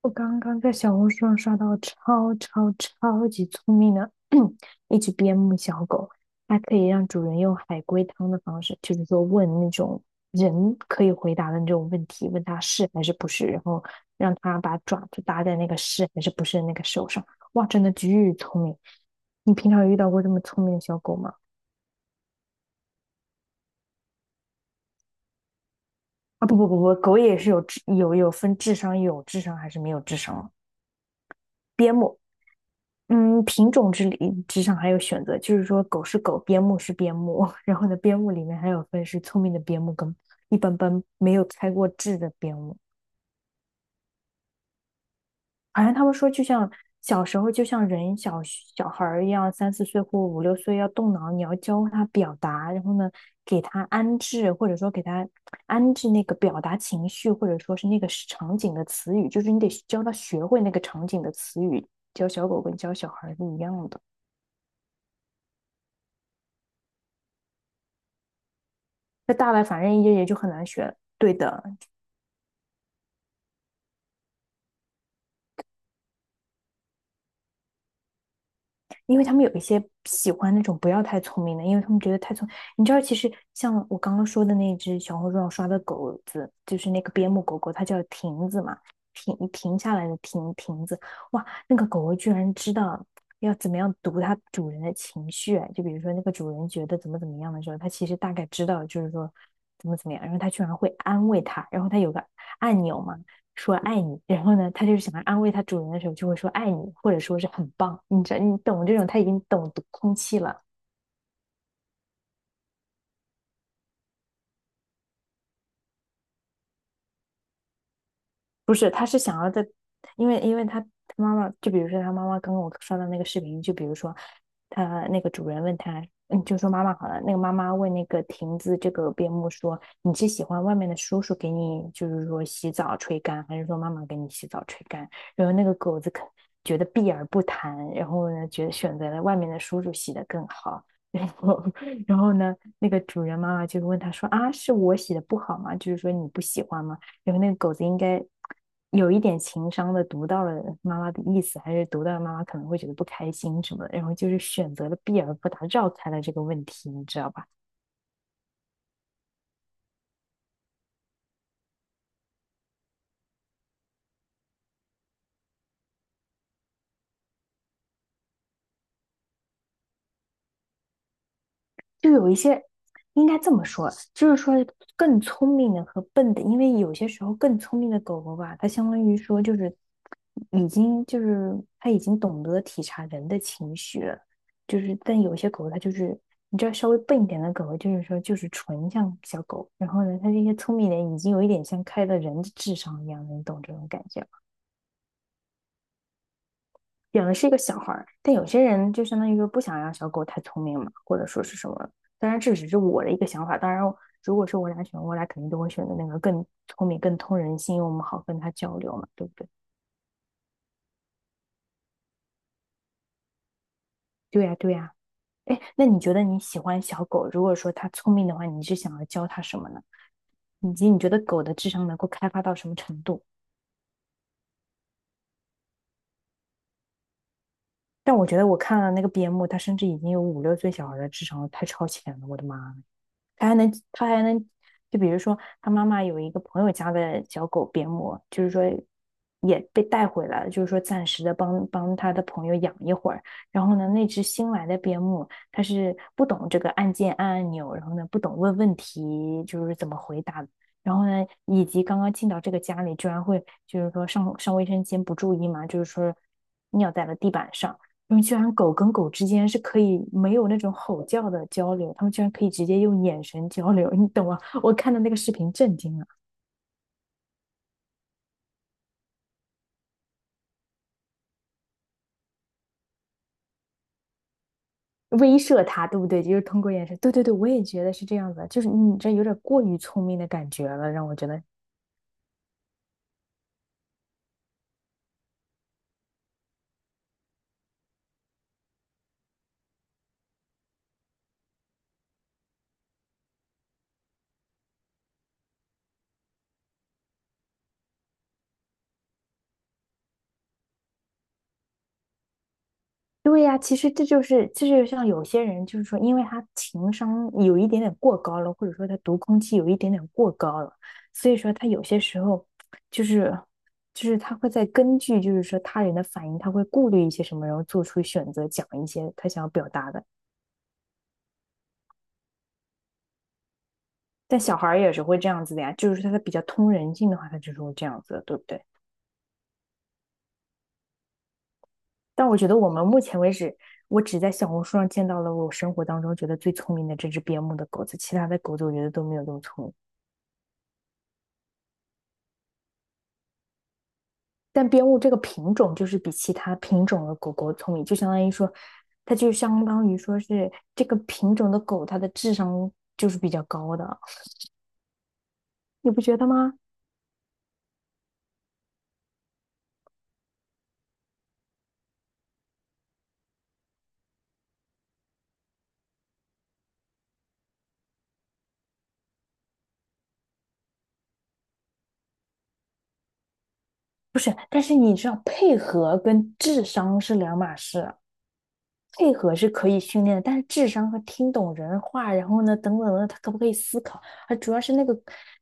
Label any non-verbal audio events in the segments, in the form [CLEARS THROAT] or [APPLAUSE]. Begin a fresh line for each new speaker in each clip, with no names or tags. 我刚刚在小红书上刷到超级聪明的 [CLEARS THROAT] 一只边牧小狗，它可以让主人用海龟汤的方式，就是说问那种人可以回答的那种问题，问他是还是不是，然后让他把爪子搭在那个是还是不是的那个手上。哇，真的巨聪明！你平常有遇到过这么聪明的小狗吗？啊，不不不不，狗也是有智商还是没有智商。边牧嗯，品种之上还有选择，就是说狗是狗，边牧是边牧，[LAUGHS] 然后呢，边牧里面还有分是聪明的边牧跟一般般没有开过智的边牧。好像他们说，就像小时候，就像人小孩儿一样，三四岁或五六岁要动脑，你要教他表达，然后呢，给他安置，或者说给他安置那个表达情绪，或者说是那个场景的词语，就是你得教他学会那个场景的词语，教小狗跟教小孩儿是一样的。那大了反正也就很难学。对的。因为他们有一些喜欢那种不要太聪明的，因为他们觉得太聪明，你知道，其实像我刚刚说的那只小红书上刷的狗子，就是那个边牧狗狗，它叫亭子嘛，停下来的亭子，哇，那个狗狗居然知道要怎么样读它主人的情绪，就比如说那个主人觉得怎么怎么样的时候，它其实大概知道，就是说怎么怎么样，然后它居然会安慰它，然后它有个按钮嘛，说爱你，然后呢，它就是想要安慰它主人的时候，就会说爱你，或者说是很棒，你这，你懂这种，它已经懂读空气了，不是，它是想要在。因为他妈妈，就比如说他妈妈刚刚我刷到那个视频，就比如说他那个主人问他，就说妈妈好了，那个妈妈问那个亭子这个边牧说，你是喜欢外面的叔叔给你就是说洗澡吹干，还是说妈妈给你洗澡吹干？然后那个狗子可觉得避而不谈，然后呢，觉得选择了外面的叔叔洗的更好。[LAUGHS] 然后，然后呢，那个主人妈妈就问他说：“啊，是我洗的不好吗？就是说你不喜欢吗？”然后那个狗子应该有一点情商的读到了妈妈的意思，还是读到了妈妈可能会觉得不开心什么的，然后就是选择了避而不答，绕开了这个问题，你知道吧？就有一些应该这么说，就是说更聪明的和笨的，因为有些时候更聪明的狗狗吧，它相当于说就是已经就是它已经懂得体察人的情绪了，就是但有些狗它就是你知道稍微笨一点的狗狗，就是说就是纯像小狗，然后呢，它这些聪明人已经有一点像开了人的智商一样的，你懂这种感觉？养的是一个小孩儿，但有些人就相当于说不想让小狗太聪明嘛，或者说是什么。当然，这只是我的一个想法。当然，如果是我俩选，我俩肯定都会选择那个更聪明、更通人性，因为我们好跟它交流嘛，对不对？对呀，对呀。哎，那你觉得你喜欢小狗？如果说它聪明的话，你是想要教它什么呢？以及你觉得狗的智商能够开发到什么程度？但我觉得我看了那个边牧，它甚至已经有五六岁小孩的智商了，太超前了，我的妈！他还能，就比如说他妈妈有一个朋友家的小狗边牧，就是说也被带回来了，就是说暂时的帮帮他的朋友养一会儿。然后呢，那只新来的边牧，它是不懂这个按按钮，然后呢不懂问问题，就是怎么回答的。然后呢，以及刚刚进到这个家里，居然会就是说上卫生间不注意嘛，就是说尿在了地板上。他们居然狗跟狗之间是可以没有那种吼叫的交流，他们居然可以直接用眼神交流，你懂吗？我看到那个视频震惊了。威慑它，对不对？就是通过眼神。对对对，我也觉得是这样子，就是你这有点过于聪明的感觉了，让我觉得。对呀，其实这就是，这就是像有些人，就是说，因为他情商有一点点过高了，或者说他读空气有一点点过高了，所以说他有些时候就是，就是他会在根据就是说他人的反应，他会顾虑一些什么，然后做出选择，讲一些他想要表达的。但小孩儿也是会这样子的呀，就是说他比较通人性的话，他就是会这样子的对不对？但我觉得我们目前为止，我只在小红书上见到了我生活当中觉得最聪明的这只边牧的狗子，其他的狗子我觉得都没有那么聪明。但边牧这个品种就是比其他品种的狗狗聪明，就相当于说，它就相当于说是这个品种的狗，它的智商就是比较高的，你不觉得吗？不是，但是你知道配合跟智商是两码事啊。配合是可以训练的，但是智商和听懂人话，然后呢，等等的，他可不可以思考？啊，主要是那个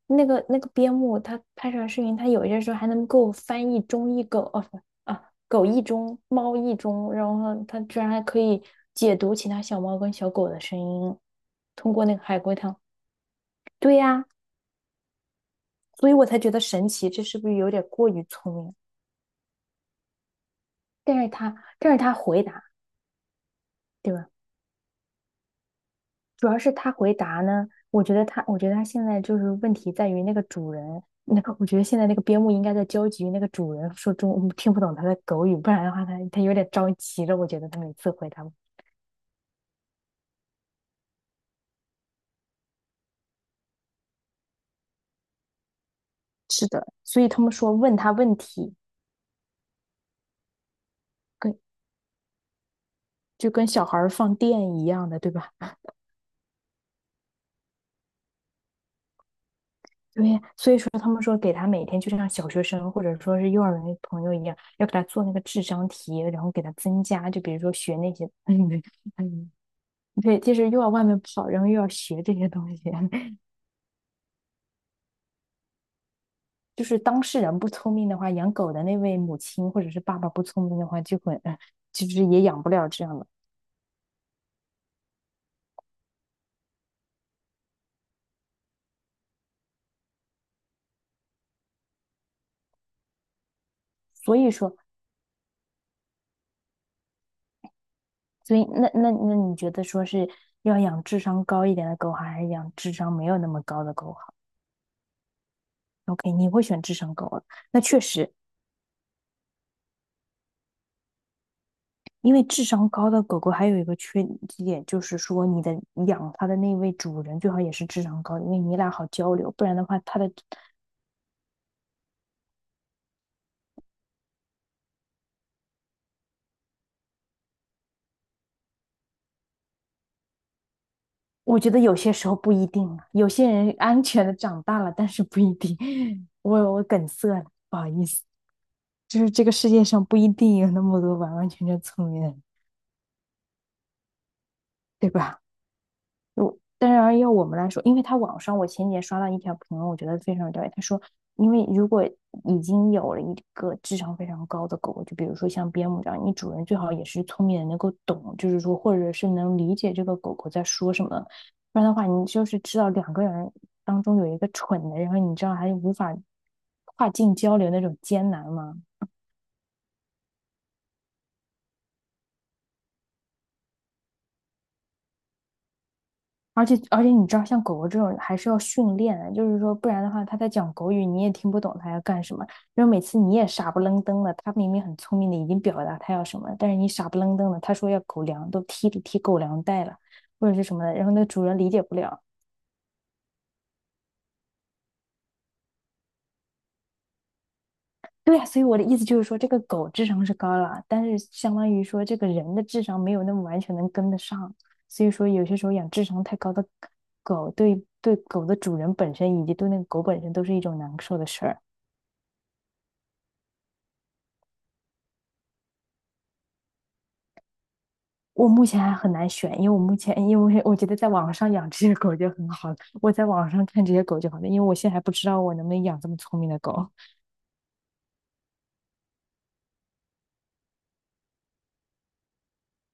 边牧，它拍出来视频，它有一些时候还能够翻译中译狗，哦不啊，狗译中，猫译中，然后它居然还可以解读其他小猫跟小狗的声音，通过那个海龟汤。对呀，所以我才觉得神奇，这是不是有点过于聪明？但是他，但是他回答，对吧？主要是他回答呢，我觉得他现在就是问题在于那个主人，那个我觉得现在那个边牧应该在焦急于那个主人说中文，听不懂他的狗语，不然的话他有点着急了。我觉得他每次回答我。是的，所以他们说问他问题，跟就跟小孩儿放电一样的，对吧？对，所以说他们说给他每天就像小学生或者说是幼儿园的朋友一样，要给他做那个智商题，然后给他增加，就比如说学那些，[LAUGHS] 嗯对，就是又要外面跑，然后又要学这些东西。[LAUGHS] 就是当事人不聪明的话，养狗的那位母亲或者是爸爸不聪明的话，就会，其实也养不了这样的。所以说，所以那那那你觉得说是要养智商高一点的狗好，还是养智商没有那么高的狗好？OK，你会选智商高的。那确实，因为智商高的狗狗还有一个缺点，就是说你的养它的那位主人最好也是智商高的，因为你俩好交流，不然的话，它的。我觉得有些时候不一定啊，有些人安全的长大了，但是不一定。[LAUGHS] 我梗塞了，不好意思，就是这个世界上不一定有那么多完完全全聪明的人，对吧？当然要我们来说，因为他网上我前几天刷到一条评论，我觉得非常对。他说，因为如果已经有了一个智商非常高的狗，就比如说像边牧这样，你主人最好也是聪明的，能够懂，就是说或者是能理解这个狗狗在说什么。不然的话，你就是知道两个人当中有一个蠢的，然后你知道还无法跨境交流那种艰难吗？而且你知道，像狗狗这种还是要训练的就是说，不然的话，它在讲狗语，你也听不懂它要干什么。然后每次你也傻不愣登的，它明明很聪明的，已经表达它要什么了但是你傻不愣登的，它说要狗粮，都踢踢狗粮袋了，或者是什么的，然后那个主人理解不了。对呀，所以我的意思就是说，这个狗智商是高了，但是相当于说这个人的智商没有那么完全能跟得上，所以说有些时候养智商太高的狗，对狗的主人本身以及对那个狗本身都是一种难受的事儿。我目前还很难选，因为我目前，因为我觉得在网上养这些狗就很好了。我在网上看这些狗就好了，因为我现在还不知道我能不能养这么聪明的狗。